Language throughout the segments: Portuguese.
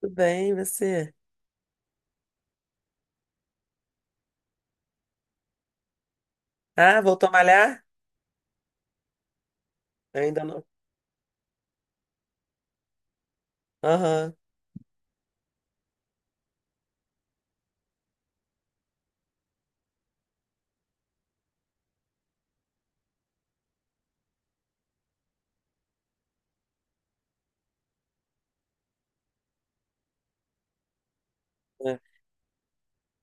Tudo bem, e você? Ah, voltou a malhar? Ainda não. Aham. É.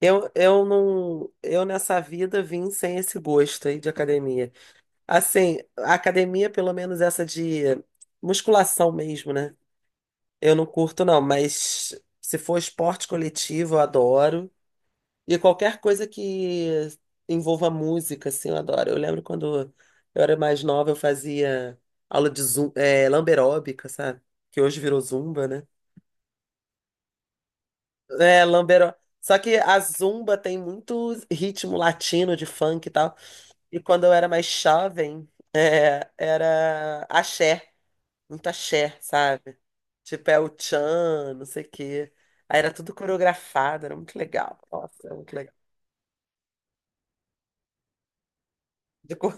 Eu não, eu nessa vida vim sem esse gosto aí de academia. Assim, a academia, pelo menos essa de musculação mesmo, né? Eu não curto não, mas se for esporte coletivo, eu adoro. E qualquer coisa que envolva música, assim, eu adoro. Eu lembro quando eu era mais nova, eu fazia aula de lamberóbica, sabe? Que hoje virou zumba, né? É, lambeiro. Só que a Zumba tem muito ritmo latino de funk e tal. E quando eu era mais jovem, era axé, muito axé, sabe? Tipo, é o tchan, não sei o quê. Aí era tudo coreografado, era muito legal. Nossa, era muito legal. De co-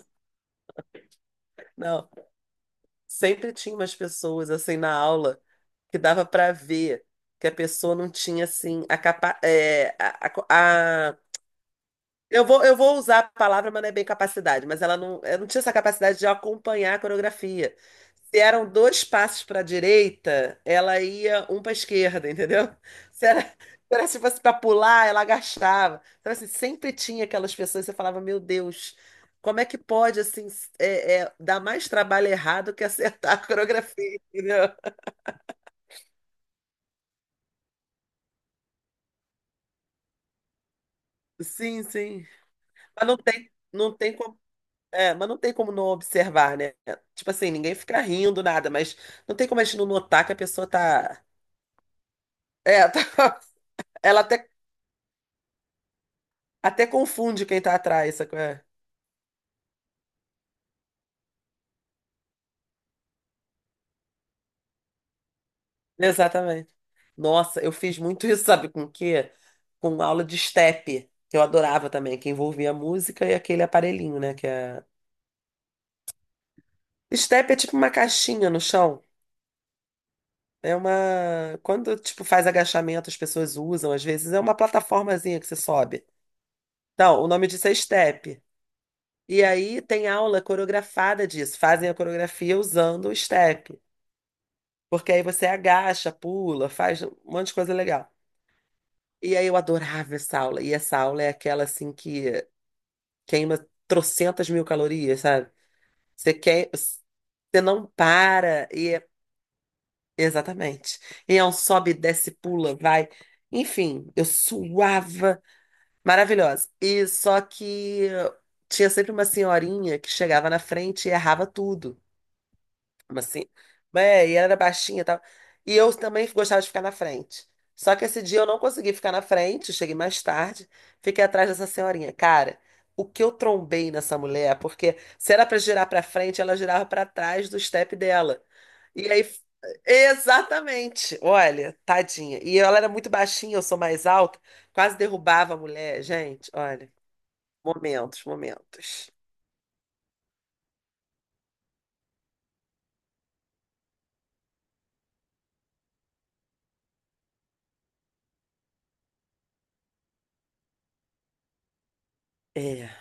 Não, sempre tinha umas pessoas assim na aula que dava pra ver que a pessoa não tinha assim a Eu vou usar a palavra, mas não é bem capacidade, mas ela não, eu não tinha essa capacidade de acompanhar a coreografia. Se eram dois passos para a direita, ela ia um para a esquerda, entendeu? Se era, se se fosse para pular, ela agachava. Então, assim, sempre tinha aquelas pessoas, você falava, meu Deus, como é que pode, assim, dar mais trabalho errado que acertar a coreografia, entendeu? Sim, sim. Mas não tem como. É, mas não tem como não observar, né? Tipo assim, ninguém fica rindo, nada, mas não tem como a gente não notar que a pessoa tá. É, tá- ela até, até confunde quem tá atrás, sacou? É. Exatamente. Nossa, eu fiz muito isso, sabe com o quê? Com aula de step, que eu adorava também, que envolvia a música e aquele aparelhinho, né? Que é... Step é tipo uma caixinha no chão. É uma. Quando, tipo, faz agachamento, as pessoas usam, às vezes, é uma plataformazinha que você sobe. Não, o nome disso é step. E aí tem aula coreografada disso. Fazem a coreografia usando o step. Porque aí você agacha, pula, faz um monte de coisa legal. E aí eu adorava essa aula. E essa aula é aquela assim que queima trocentas mil calorias, sabe? Você não para. Exatamente. E é um sobe, desce, pula, vai. Enfim, eu suava. Maravilhosa. E só que tinha sempre uma senhorinha que chegava na frente e errava tudo. Mas assim, e ela era baixinha e tal. E eu também gostava de ficar na frente. Só que esse dia eu não consegui ficar na frente, eu cheguei mais tarde, fiquei atrás dessa senhorinha. Cara, o que eu trombei nessa mulher, porque se era pra girar pra frente, ela girava pra trás do step dela. E aí, exatamente, olha, tadinha. E ela era muito baixinha, eu sou mais alta, quase derrubava a mulher, gente, olha, momentos. É.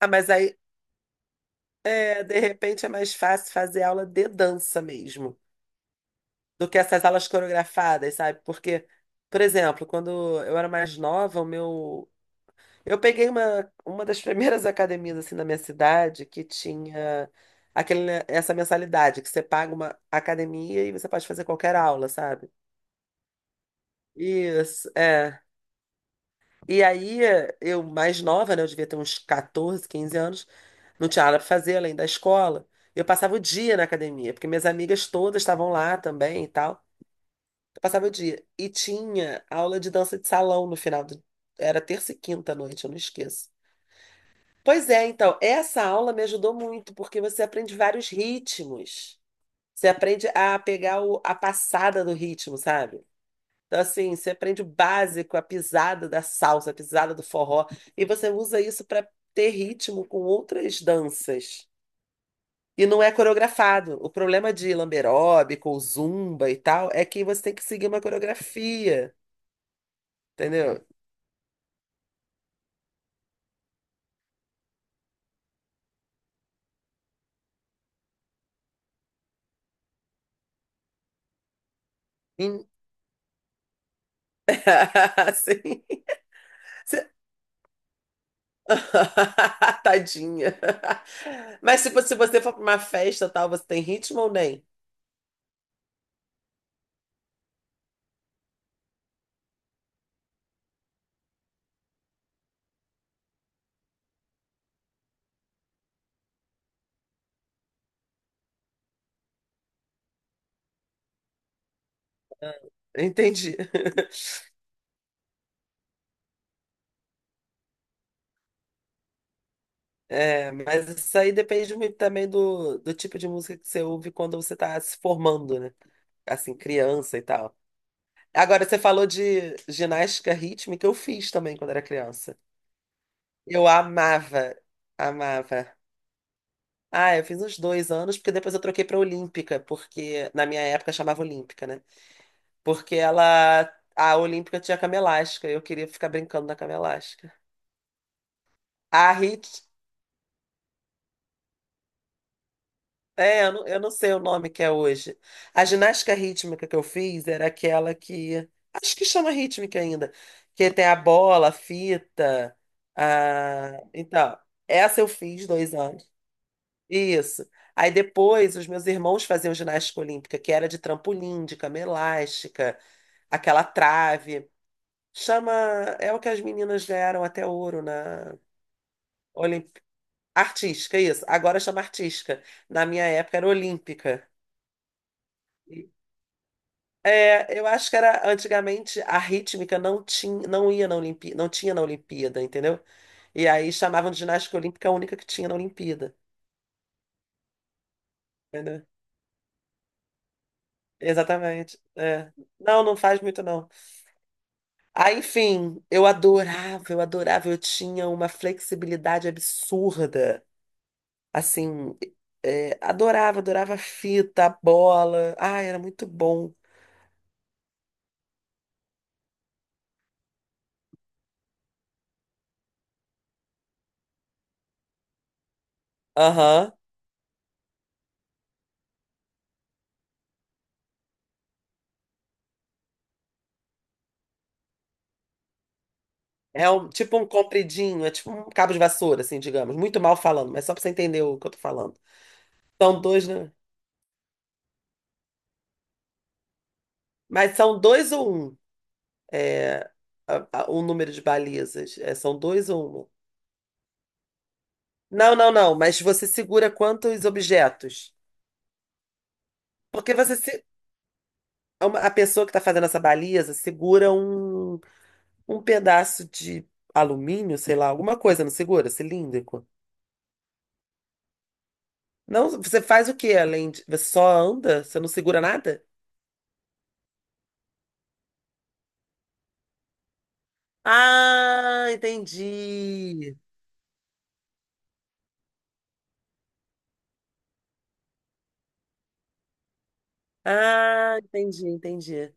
Ah, mas aí. É, de repente é mais fácil fazer aula de dança mesmo, do que essas aulas coreografadas, sabe? Porque, por exemplo, quando eu era mais nova, o meu. Eu peguei uma das primeiras academias assim na minha cidade que tinha aquele, né, essa mensalidade, que você paga uma academia e você pode fazer qualquer aula, sabe? Isso, é. E aí, eu mais nova, né? Eu devia ter uns 14, 15 anos. Não tinha nada pra fazer além da escola. Eu passava o dia na academia, porque minhas amigas todas estavam lá também e tal. Eu passava o dia. E tinha aula de dança de salão no final do... Era terça e quinta à noite, eu não esqueço. Pois é, então, essa aula me ajudou muito, porque você aprende vários ritmos. Você aprende a pegar o- a passada do ritmo, sabe? Então, assim, você aprende o básico, a pisada da salsa, a pisada do forró, e você usa isso para ter ritmo com outras danças. E não é coreografado. O problema de lamberóbico, ou zumba e tal, é que você tem que seguir uma coreografia, entendeu? Em- Assim, você- Tadinha. Mas tipo, se você for para uma festa tal, você tem ritmo ou nem? Entendi. É, mas isso aí depende muito também do tipo de música que você ouve quando você está se formando, né? Assim, criança e tal. Agora, você falou de ginástica rítmica, eu fiz também quando era criança. Eu amava. Ah, eu fiz uns 2 anos, porque depois eu troquei para Olímpica, porque na minha época chamava Olímpica, né? Porque ela, a Olímpica tinha cama elástica, eu queria ficar brincando na cama elástica. A rit É, eu não sei o nome que é hoje. A ginástica rítmica que eu fiz era aquela que. Acho que chama rítmica ainda. Que tem a bola, a fita. A... Então, essa eu fiz 2 anos. Isso. Aí depois os meus irmãos faziam ginástica olímpica, que era de trampolim, de cama elástica, aquela trave. Chama. É o que as meninas ganharam até ouro na. Olimp... Artística, isso. Agora chama artística. Na minha época era olímpica. É, eu acho que era antigamente a rítmica não tinha, não ia na Olimpíada, não tinha na Olimpíada, entendeu? E aí chamavam de ginástica olímpica a única que tinha na Olimpíada, entendeu? Exatamente. É. Não, não faz muito não. Aí, enfim, eu adorava, eu tinha uma flexibilidade absurda. Assim, adorava, adorava a fita, a bola. Ai, era muito bom. Aham. É um, tipo um compridinho, é tipo um cabo de vassoura, assim, digamos. Muito mal falando, mas só pra você entender o que eu tô falando. São dois, né? Mas são dois ou um, é, o número de balizas. É, são dois ou uma. Não, não, não, mas você segura quantos objetos? Porque você se, é uma- a pessoa que está fazendo essa baliza segura um, um pedaço de alumínio, sei lá, alguma coisa, não segura? Cilíndrico? Não, você faz o quê além de. Você só anda? Você não segura nada? Ah, entendi. Ah, entendi.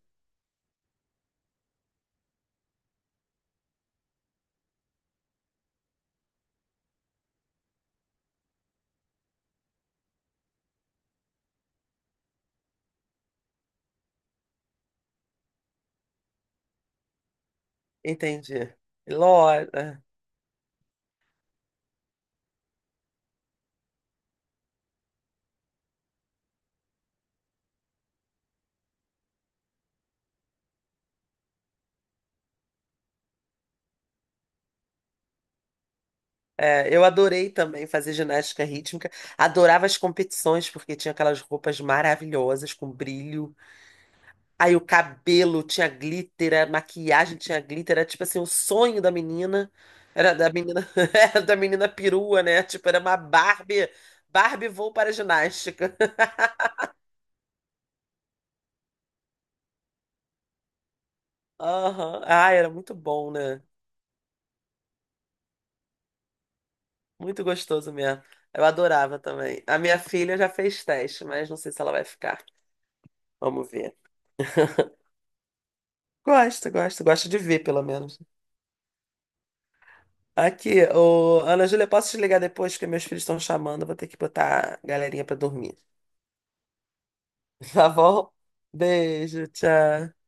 Entendi. Lora. É, eu adorei também fazer ginástica rítmica. Adorava as competições, porque tinha aquelas roupas maravilhosas, com brilho. Aí o cabelo tinha glitter, a maquiagem tinha glitter. Era tipo assim, o sonho da menina. Era da menina, era da menina perua, né? Tipo, era uma Barbie. Barbie vou para a ginástica. Aham. Ah, era muito bom, né? Muito gostoso mesmo. Eu adorava também. A minha filha já fez teste, mas não sei se ela vai ficar. Vamos ver. Gosto de ver, pelo menos. Aqui, ô, Ana Júlia, posso te ligar depois, porque meus filhos estão chamando, eu vou ter que botar a galerinha pra dormir. Tá bom? Beijo, tchau.